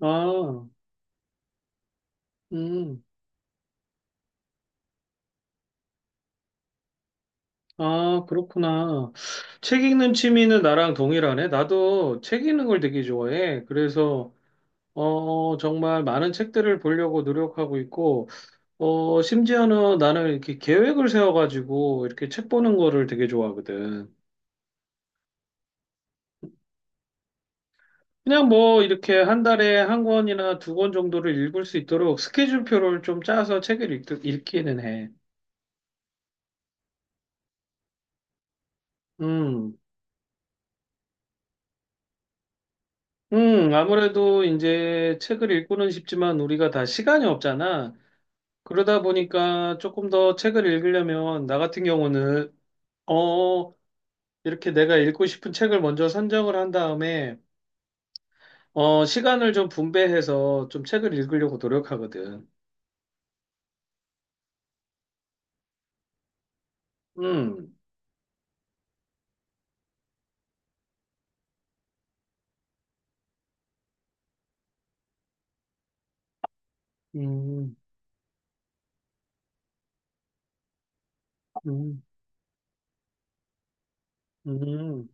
아, 음, 아, 그렇구나. 책 읽는 취미는 나랑 동일하네. 나도 책 읽는 걸 되게 좋아해. 정말 많은 책들을 보려고 노력하고 있고, 심지어는 나는 이렇게 계획을 세워가지고 이렇게 책 보는 거를 되게 좋아하거든. 그냥 뭐 이렇게 한 달에 한 권이나 두 권 정도를 읽을 수 있도록 스케줄표를 좀 짜서 책을 읽기는 해. 음. 아무래도 이제 책을 읽고는 싶지만 우리가 다 시간이 없잖아. 그러다 보니까 조금 더 책을 읽으려면 나 같은 경우는 어, 이렇게 내가 읽고 싶은 책을 먼저 선정을 한 다음에 시간을 좀 분배해서 좀 책을 읽으려고 노력하거든. 음. 음. 음. 음.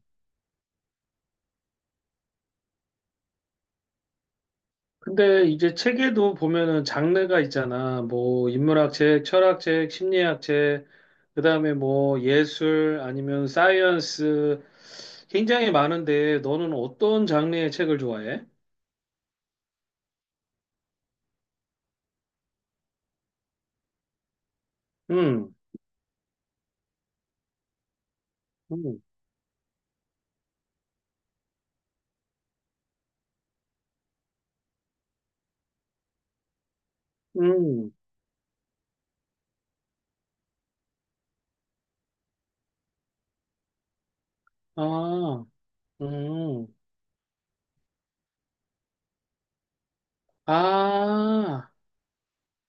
근데 이제 책에도 보면은 장르가 있잖아. 뭐 인문학 책, 철학 책, 심리학 책, 그다음에 뭐 예술 아니면 사이언스 굉장히 많은데 너는 어떤 장르의 책을 좋아해? 음. 음. 음. 아. 음. 아.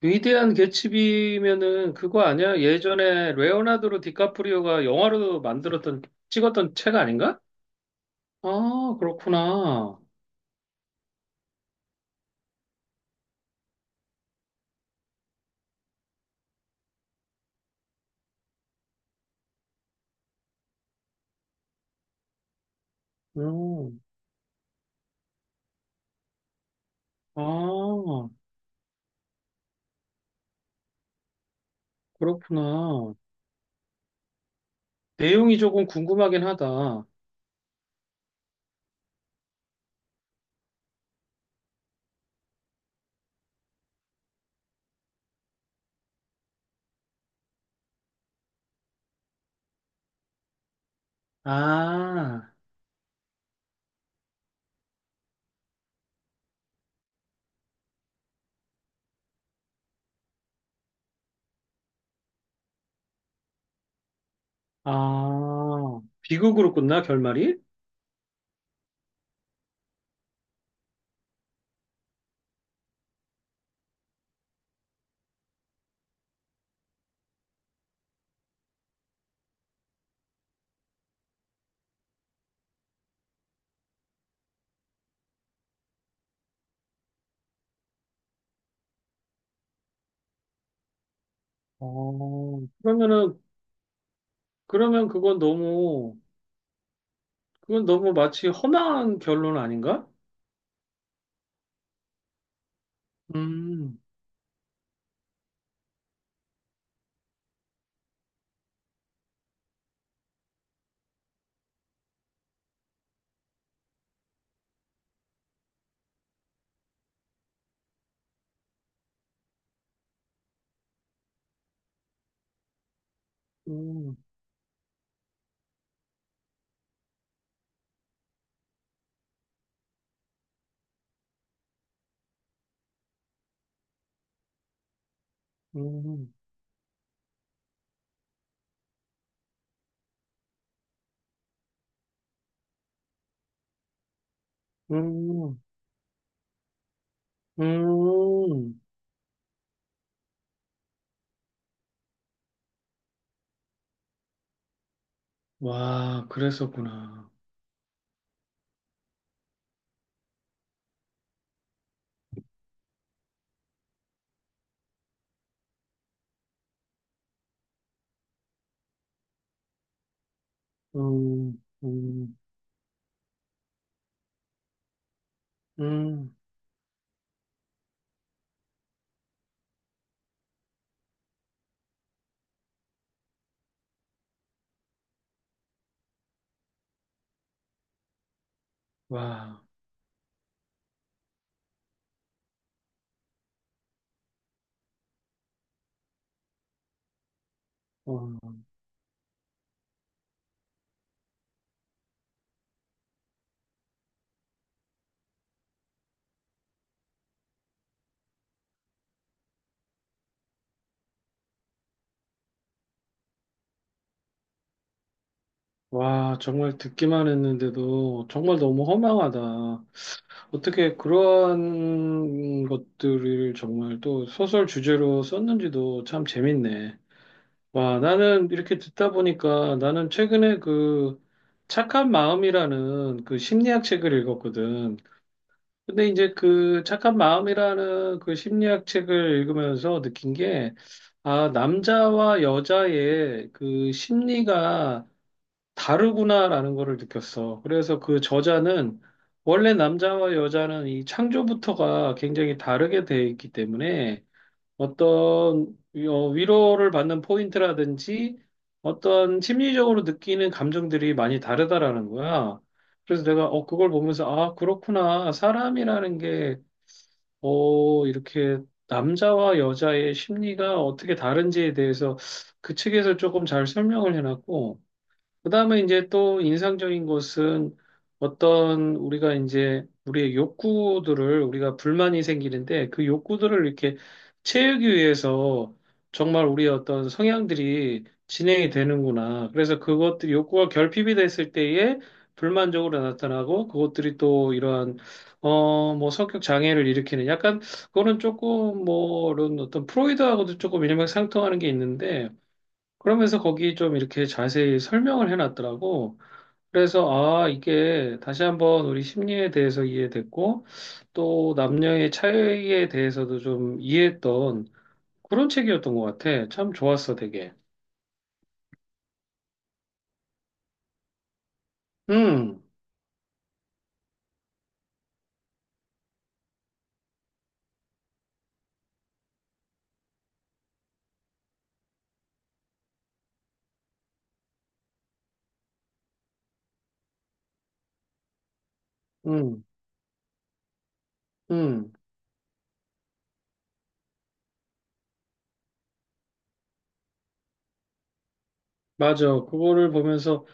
위대한 개츠비면은 그거 아니야? 예전에 레오나르도 디카프리오가 영화로 만들었던 찍었던 책 아닌가? 아, 그렇구나. 음. 아, 그렇구나. 내용이 조금 궁금하긴 하다. 아, 아, 비극으로 끝나, 결말이? 어, 그러면은, 그러면 그건 너무, 그건 너무 마치 험한 결론 아닌가? 음, 음, 음, 음, 음. 와, 그랬었구나. 음, 음, 음, 와, 어, 와, 정말 듣기만 했는데도 정말 너무 허망하다. 어떻게 그런 것들을 정말 또 소설 주제로 썼는지도 참 재밌네. 와, 나는 이렇게 듣다 보니까 나는 최근에 그 착한 마음이라는 그 심리학 책을 읽었거든. 근데 이제 그 착한 마음이라는 그 심리학 책을 읽으면서 느낀 게, 아, 남자와 여자의 그 심리가 다르구나라는 거를 느꼈어. 그래서 그 저자는 원래 남자와 여자는 이 창조부터가 굉장히 다르게 돼 있기 때문에 위로를 받는 포인트라든지 어떤 심리적으로 느끼는 감정들이 많이 다르다라는 거야. 그래서 내가 그걸 보면서 아, 그렇구나. 사람이라는 게 이렇게 남자와 여자의 심리가 어떻게 다른지에 대해서 그 책에서 조금 잘 설명을 해놨고 그다음에 이제 또 인상적인 것은 어떤 우리가 이제 우리의 욕구들을 우리가 불만이 생기는데 그 욕구들을 이렇게 채우기 위해서 정말 우리의 어떤 성향들이 진행이 되는구나. 그래서 그것들이 욕구가 결핍이 됐을 때에 불만적으로 나타나고 그것들이 또 이러한 뭐 성격 장애를 일으키는 약간 그거는 조금 뭐 이런 어떤 프로이드하고도 조금 일맥상통하는 게 있는데 그러면서 거기 좀 이렇게 자세히 설명을 해놨더라고. 그래서, 아, 이게 다시 한번 우리 심리에 대해서 이해됐고, 또 남녀의 차이에 대해서도 좀 이해했던 그런 책이었던 것 같아. 참 좋았어, 되게. 음, 음, 음. 맞아. 그거를 보면서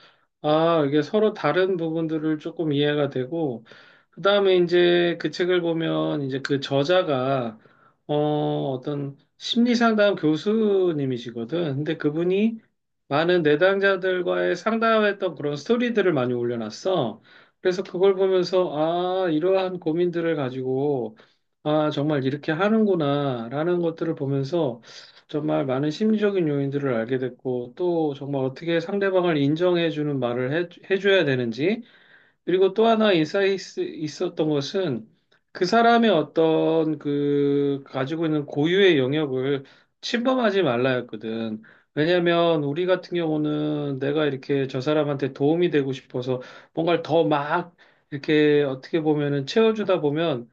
아, 이게 서로 다른 부분들을 조금 이해가 되고, 그 다음에 이제 그 책을 보면 이제 그 저자가, 어, 어떤 심리상담 교수님이시거든. 근데 그분이 많은 내담자들과의 상담했던 그런 스토리들을 많이 올려놨어. 그래서 그걸 보면서, 아, 이러한 고민들을 가지고, 아, 정말 이렇게 하는구나, 라는 것들을 보면서 정말 많은 심리적인 요인들을 알게 됐고, 또 정말 어떻게 상대방을 인정해주는 말을 해줘야 되는지, 그리고 또 하나 인사이트 있었던 것은 그 사람의 어떤 그 가지고 있는 고유의 영역을 침범하지 말라였거든. 왜냐하면 우리 같은 경우는 내가 이렇게 저 사람한테 도움이 되고 싶어서 뭔가를 더 막 이렇게 어떻게 보면은 채워주다 보면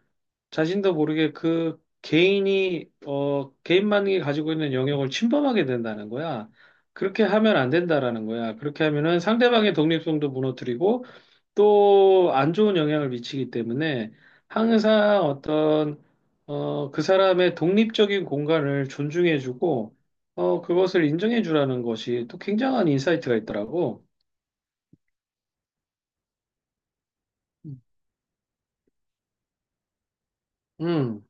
자신도 모르게 그 개인이, 개인만이 가지고 있는 영역을 침범하게 된다는 거야. 그렇게 하면 안 된다라는 거야. 그렇게 하면은 상대방의 독립성도 무너뜨리고 또 안 좋은 영향을 미치기 때문에 항상 어떤, 그 사람의 독립적인 공간을 존중해주고, 그것을 인정해주라는 것이 또 굉장한 인사이트가 있더라고. 음.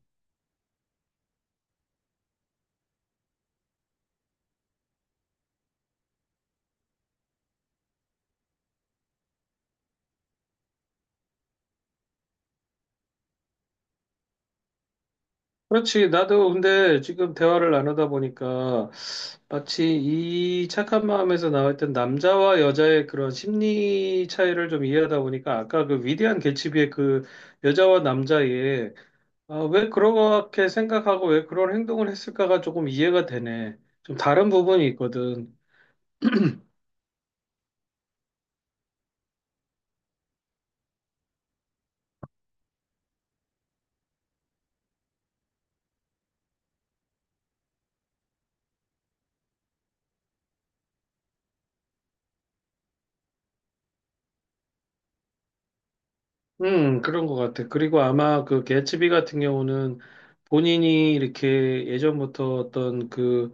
그렇지. 나도 근데 지금 대화를 나누다 보니까 마치 이 착한 마음에서 나왔던 남자와 여자의 그런 심리 차이를 좀 이해하다 보니까 아까 그 위대한 개츠비의 그 여자와 남자의 아, 왜 그렇게 생각하고 왜 그런 행동을 했을까가 조금 이해가 되네. 좀 다른 부분이 있거든. 그런 것 같아. 그리고 아마 그 개츠비 같은 경우는 본인이 이렇게 예전부터 어떤 그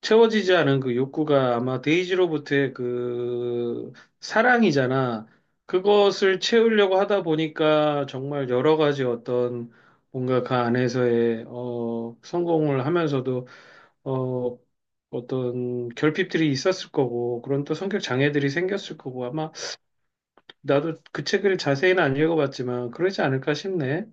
채워지지 않은 그 욕구가 아마 데이지로부터의 그 사랑이잖아. 그것을 채우려고 하다 보니까 정말 여러 가지 어떤 뭔가 그 안에서의 성공을 하면서도 어 어떤 결핍들이 있었을 거고 그런 또 성격 장애들이 생겼을 거고 아마 나도 그 책을 자세히는 안 읽어봤지만 그러지 않을까 싶네.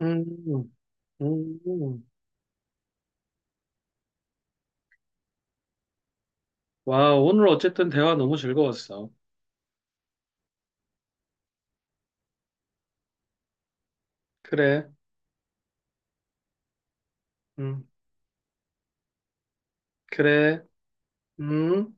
음, 음. 음. 와, 오늘 어쨌든 대화 너무 즐거웠어. 그래. 음, 그래. 음.